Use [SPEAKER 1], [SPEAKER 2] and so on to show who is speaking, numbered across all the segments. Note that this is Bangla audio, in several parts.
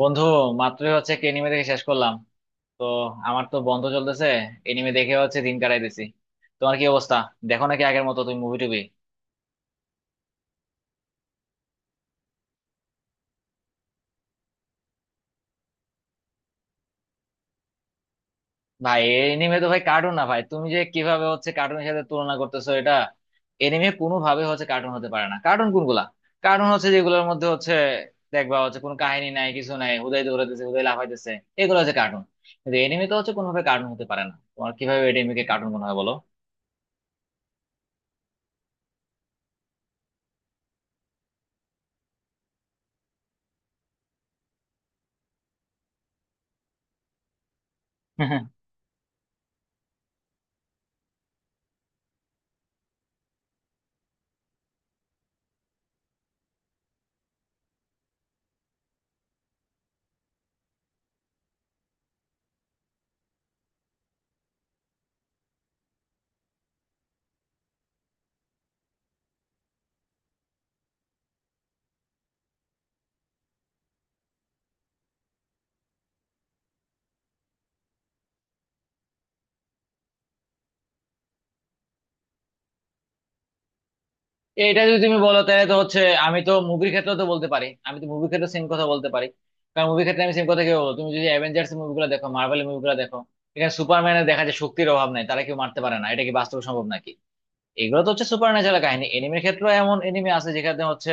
[SPEAKER 1] বন্ধু, মাত্রই হচ্ছে একটা এনিমে দেখে শেষ করলাম। তো আমার তো বন্ধ চলতেছে, এনিমে দেখে হচ্ছে দিন কাটাইতেছি। তোমার কি অবস্থা? দেখো নাকি আগের মতো তুমি মুভি টুবি? ভাই, এনিমে তো ভাই কার্টুন না ভাই, তুমি যে কিভাবে হচ্ছে কার্টুনের সাথে তুলনা করতেছো এটা। এনিমে কোনো ভাবে হচ্ছে কার্টুন হতে পারে না। কার্টুন কোনগুলা? কার্টুন হচ্ছে যেগুলোর মধ্যে হচ্ছে দেখবা হচ্ছে কোনো কাহিনী নাই, কিছু নাই, হুদাই দৌড়াইতেছে হুদাই লাফাইতেছে, এগুলো হচ্ছে কার্টুন। কিন্তু এনিমে তো হচ্ছে কোনোভাবে কার্টুন হতে পারে না। তোমার কিভাবে এনিমেকে কার্টুন মনে হয় বলো? এটা যদি তুমি বলো তাহলে তো হচ্ছে আমি তো মুভির ক্ষেত্রে তো বলতে পারি, আমি তো মুভির ক্ষেত্রে সেম কথা বলতে পারি। কারণ মুভির ক্ষেত্রে আমি সেম কথা কি বলবো, তুমি যদি অ্যাভেঞ্জার্স মুভিগুলো দেখো, মার্ভেল মুভিগুলো দেখো, এখানে সুপারম্যানের দেখা যায় শক্তির অভাব নাই, তারা কেউ মারতে পারে না, এটা কি বাস্তব সম্ভব নাকি? এগুলো তো হচ্ছে সুপার ন্যাচারাল কাহিনী। এনিমের ক্ষেত্রেও এমন এনিমে আছে যেখানে হচ্ছে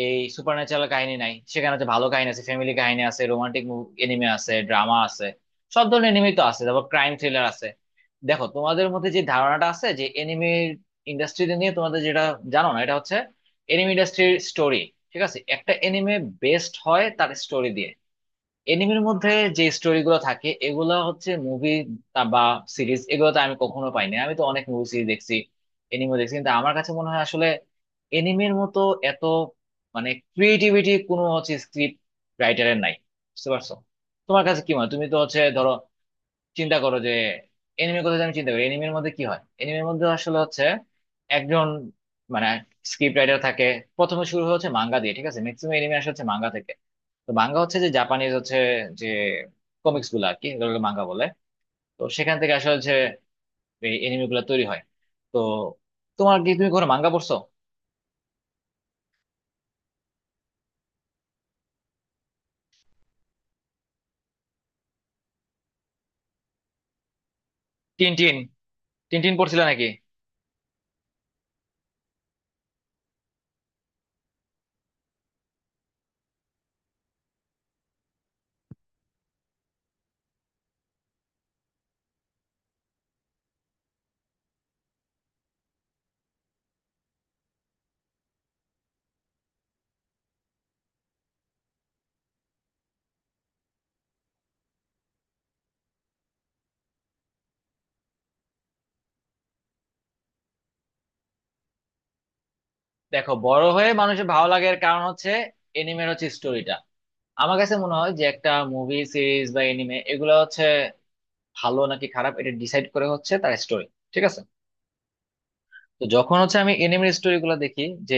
[SPEAKER 1] এই সুপার ন্যাচারাল কাহিনী নাই, সেখানে হচ্ছে ভালো কাহিনী আছে, ফ্যামিলি কাহিনী আছে, রোমান্টিক এনিমে আছে, ড্রামা আছে, সব ধরনের এনিমেই তো আছে, তারপর ক্রাইম থ্রিলার আছে। দেখো, তোমাদের মধ্যে যে ধারণাটা আছে যে এনিমে ইন্ডাস্ট্রিতে নিয়ে তোমাদের যেটা, জানো না, এটা হচ্ছে এনিমে ইন্ডাস্ট্রির স্টোরি। ঠিক আছে, একটা এনিমে বেস্ট হয় তার স্টোরি দিয়ে। এনিমের মধ্যে যে স্টোরিগুলো থাকে এগুলো হচ্ছে মুভি বা সিরিজ এগুলোতে আমি কখনো পাইনি। আমি তো অনেক মুভি সিরিজ দেখছি, এনিমে দেখছি, কিন্তু আমার কাছে মনে হয় আসলে এনিমের মতো এত মানে ক্রিয়েটিভিটি কোনো হচ্ছে স্ক্রিপ্ট রাইটারের নাই। বুঝতে পারছো? তোমার কাছে কি মনে হয়? তুমি তো হচ্ছে ধরো চিন্তা করো যে এনিমের কথা যদি আমি চিন্তা করি, এনিমের মধ্যে কি হয়, এনিমের মধ্যে আসলে হচ্ছে একজন মানে স্ক্রিপ্ট রাইটার থাকে। প্রথমে শুরু হচ্ছে মাঙ্গা দিয়ে, ঠিক আছে, ম্যাক্সিমাম এনিমে আসলে হচ্ছে মাঙ্গা থেকে। তো মাঙ্গা হচ্ছে যে জাপানিজ হচ্ছে যে কমিক্স গুলো আর কি, এগুলোকে মাঙ্গা বলে। তো সেখান থেকে আসলে হচ্ছে এই এনিমে গুলো তৈরি হয়। তো তোমার কি, তুমি কোনো মাঙ্গা পড়ছো? টিনটিন, টিনটিন পড়ছিলে নাকি? দেখো, বড় হয়ে মানুষের ভালো লাগার কারণ হচ্ছে এনিমের হচ্ছে স্টোরিটা। আমার কাছে মনে হয় যে একটা মুভি সিরিজ বা এনিমে এগুলো হচ্ছে ভালো নাকি খারাপ এটা ডিসাইড করে হচ্ছে তার স্টোরি। ঠিক আছে, তো যখন হচ্ছে আমি এনিমের স্টোরিগুলো দেখি যে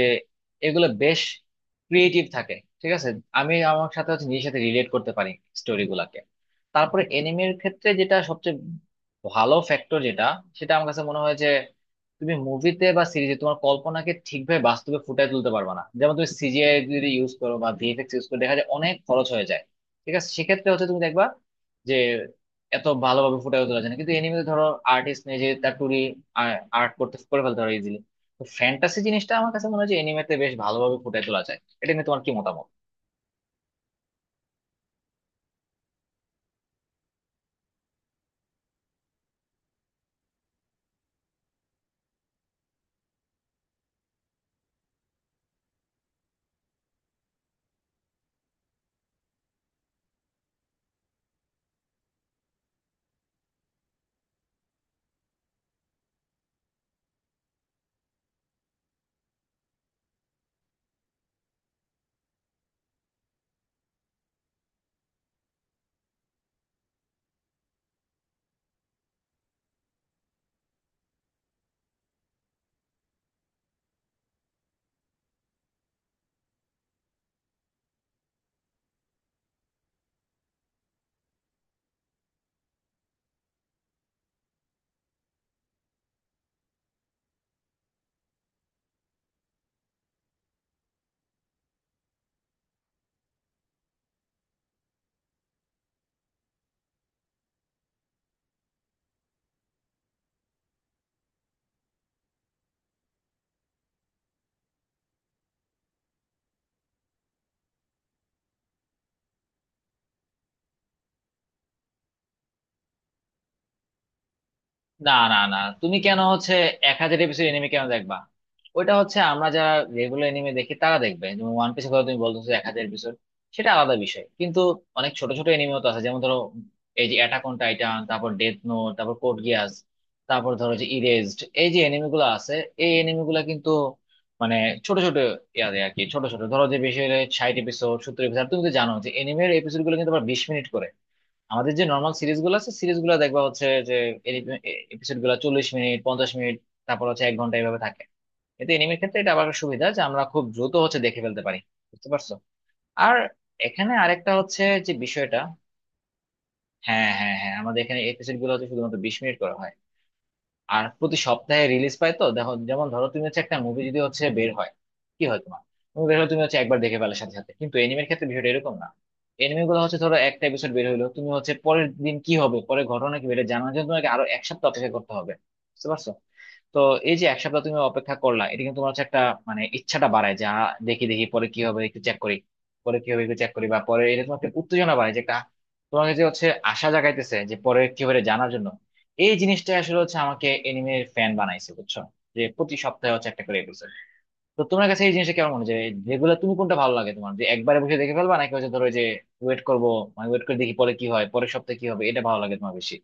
[SPEAKER 1] এগুলো বেশ ক্রিয়েটিভ থাকে, ঠিক আছে, আমি আমার সাথে হচ্ছে নিজের সাথে রিলেট করতে পারি স্টোরিগুলোকে। তারপরে এনিমের ক্ষেত্রে যেটা সবচেয়ে ভালো ফ্যাক্টর, যেটা, সেটা আমার কাছে মনে হয় যে তুমি মুভিতে বা সিরিজে তোমার কল্পনাকে ঠিকভাবে বাস্তবে ফুটিয়ে তুলতে পারবে না। যেমন তুমি সিজিআই যদি ইউজ করো বা ভিএফএক্স ইউজ করো, দেখা যায় অনেক খরচ হয়ে যায়। ঠিক আছে, সেক্ষেত্রে হচ্ছে তুমি দেখবা এত ভালোভাবে ফুটিয়ে তোলা যায় না, কিন্তু এনিমেতে ধরো আর্টিস্ট নিজে তার টুরি আর্ট করতে করে ফেলতে পারে ইজিলি। তো ফ্যান্টাসি জিনিসটা আমার কাছে মনে হয় যে এনিমেতে বেশ ভালোভাবে ফুটিয়ে তোলা যায়। এটা নিয়ে তোমার কি মতামত? না না না, তুমি কেন হচ্ছে 1,000 এপিসোড এনিমে কেন দেখবা? ওইটা হচ্ছে আমরা যারা রেগুলার এনিমে দেখি তারা দেখবে, যেমন ওয়ান পিসের কথা তুমি বলতেছো, 1,000 এপিসোড, সেটা আলাদা বিষয়। কিন্তু অনেক ছোট ছোট এনিমেও তো আছে, যেমন ধরো এই যে অ্যাটাক অন টাইটান, তারপর ডেথ নোট, তারপর কোড গিয়াস, তারপর ধরো যে ইরেজড, এই যে এনিমে গুলো আছে, এই এনিমে গুলা কিন্তু মানে ছোট ছোট ইয়াদে আর কি। ছোট ছোট ধরো যে বেশি হলে 60 এপিসোড, 70 এপিসোড। তুমি তো জানো যে এনিমের এপিসোড গুলো কিন্তু আবার 20 মিনিট করে, আমাদের যে নর্মাল সিরিজ গুলো আছে সিরিজ গুলো দেখবা হচ্ছে যে এপিসোড গুলো 40 মিনিট, 50 মিনিট, তারপর হচ্ছে এক ঘন্টা, এভাবে থাকে। এতে এনিমের ক্ষেত্রে এটা আবার একটা সুবিধা যে আমরা খুব দ্রুত হচ্ছে দেখে ফেলতে পারি। বুঝতে পারছো? আর এখানে আরেকটা হচ্ছে যে বিষয়টা, হ্যাঁ হ্যাঁ হ্যাঁ, আমাদের এখানে এপিসোড গুলো হচ্ছে শুধুমাত্র 20 মিনিট করা হয় আর প্রতি সপ্তাহে রিলিজ পায়। তো দেখো যেমন ধরো তুমি হচ্ছে একটা মুভি যদি হচ্ছে বের হয়, কি হয় তোমার, মুভি বের হলে তুমি হচ্ছে একবার দেখে ফেলার সাথে সাথে, কিন্তু এনিমের ক্ষেত্রে বিষয়টা এরকম না। এনিমে গুলো হচ্ছে ধরো একটা এপিসোড বের হলো, তুমি হচ্ছে পরের দিন কি হবে, পরের ঘটনা কি বেড়ে জানার জন্য তোমাকে আরো এক সপ্তাহ অপেক্ষা করতে হবে। বুঝতে পারছো? তো এই যে এক সপ্তাহ তুমি অপেক্ষা করলা, এটা কিন্তু তোমার হচ্ছে একটা মানে ইচ্ছাটা বাড়ায় যা, দেখি দেখি পরে কি হবে একটু চেক করি, পরে কি হবে একটু চেক করি, বা পরে, এটা তোমাকে উত্তেজনা বাড়ায় যে তোমাকে যে হচ্ছে আশা জাগাইতেছে যে পরে কি হবে এটা জানার জন্য। এই জিনিসটা আসলে হচ্ছে আমাকে এনিমের ফ্যান বানাইছে, বুঝছো, যে প্রতি সপ্তাহে হচ্ছে একটা করে এপিসোড। তো তোমার কাছে এই জিনিসটা কেমন মনে হয় যে রেগুলার, তুমি কোনটা ভালো লাগে তোমার, যে একবারে বসে দেখে ফেলবা নাকি হচ্ছে ধরো যে ওয়েট করবো, মানে ওয়েট করে দেখি পরে কি হয়, পরের সপ্তাহে কি হবে, এটা ভালো লাগে তোমার বেশি?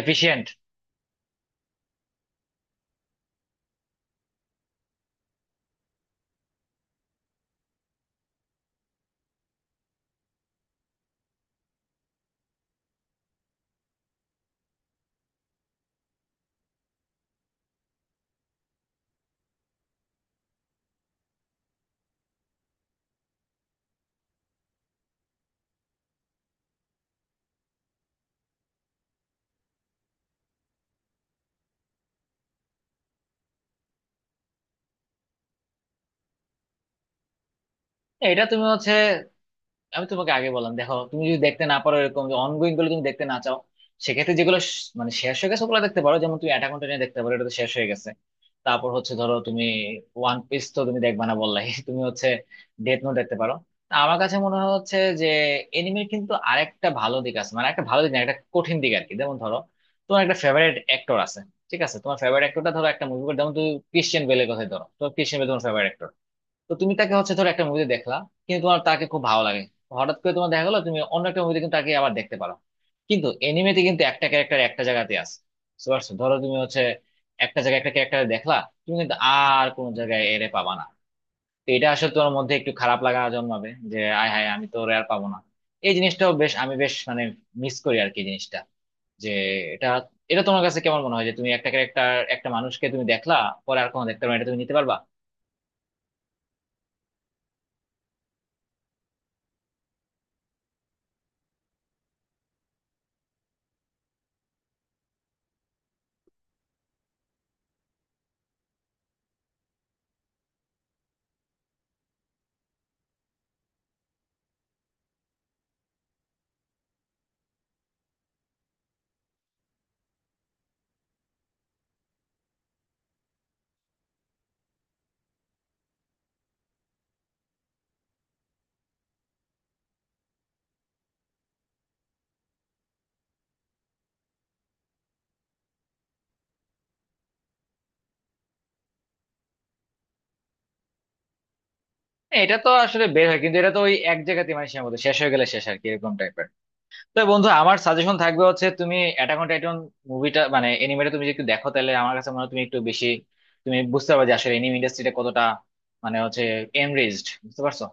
[SPEAKER 1] এফিশিয়েন্ট, এটা তুমি হচ্ছে, আমি তোমাকে আগে বললাম, দেখো তুমি যদি দেখতে না পারো এরকম যে অনগোয়িং গুলো তুমি দেখতে না চাও, সেক্ষেত্রে যেগুলো মানে শেষ হয়ে গেছে ওগুলো দেখতে পারো। যেমন তুমি অ্যাটাক অন টাইটান দেখতে পারো, এটা তো শেষ হয়ে গেছে। তারপর হচ্ছে ধরো তুমি ওয়ান পিস তো তুমি দেখবা না বললাই তুমি হচ্ছে ডেথ নোট দেখতে পারো। তা আমার কাছে মনে হয় হচ্ছে যে এনিমের কিন্তু আরেকটা ভালো দিক আছে, মানে একটা ভালো দিক না একটা কঠিন দিক আর কি, যেমন ধরো তোমার একটা ফেভারিট অ্যাক্টর আছে, ঠিক আছে, তোমার ফেভারিট অ্যাক্টরটা ধরো একটা মুভি, যেমন তুমি ক্রিশ্চিয়ান বেলের কথাই ধরো, তোমার ক্রিশ্চিয়ান বেল তোমার ফেভারিট, তো তুমি তাকে হচ্ছে ধরো একটা মুভি দেখলা কিন্তু তোমার তাকে খুব ভালো লাগে, হঠাৎ করে তোমার দেখা গেলো তুমি অন্য একটা মুভিতে কিন্তু তাকে আবার দেখতে পারো। কিন্তু এনিমেতে কিন্তু একটা ক্যারেক্টার একটা জায়গাতে আছে। বুঝতে পারছো? ধরো তুমি হচ্ছে একটা জায়গায় একটা ক্যারেক্টার দেখলা, তুমি কিন্তু আর কোনো জায়গায় এরে পাবা না। তো এটা আসলে তোমার মধ্যে একটু খারাপ লাগা জন্মাবে যে আয় হায়, আমি তো ওরে আর পাবো না। এই জিনিসটাও বেশ, আমি বেশ মানে মিস করি আর কি জিনিসটা। যে এটা এটা তোমার কাছে কেমন মনে হয় যে তুমি একটা ক্যারেক্টার, একটা মানুষকে তুমি দেখলা, পরে আর কোনো দেখতে পারো না, এটা তুমি নিতে পারবা? হ্যাঁ, এটা তো আসলে বের হয় কিন্তু এটা তো ওই এক জায়গাতে মানে সীমাবদ্ধ, শেষ হয়ে গেলে শেষ আর কি, এরকম টাইপের। তো বন্ধু, আমার সাজেশন থাকবে হচ্ছে তুমি অ্যাটাক অন টাইটন মুভিটা মানে এনিমেটা তুমি যদি একটু দেখো, তাহলে আমার কাছে মনে হয় তুমি একটু বেশি, তুমি বুঝতে পারবে যে আসলে এনিমে ইন্ডাস্ট্রিটা কতটা মানে হচ্ছে এনরিচড। বুঝতে পারছো?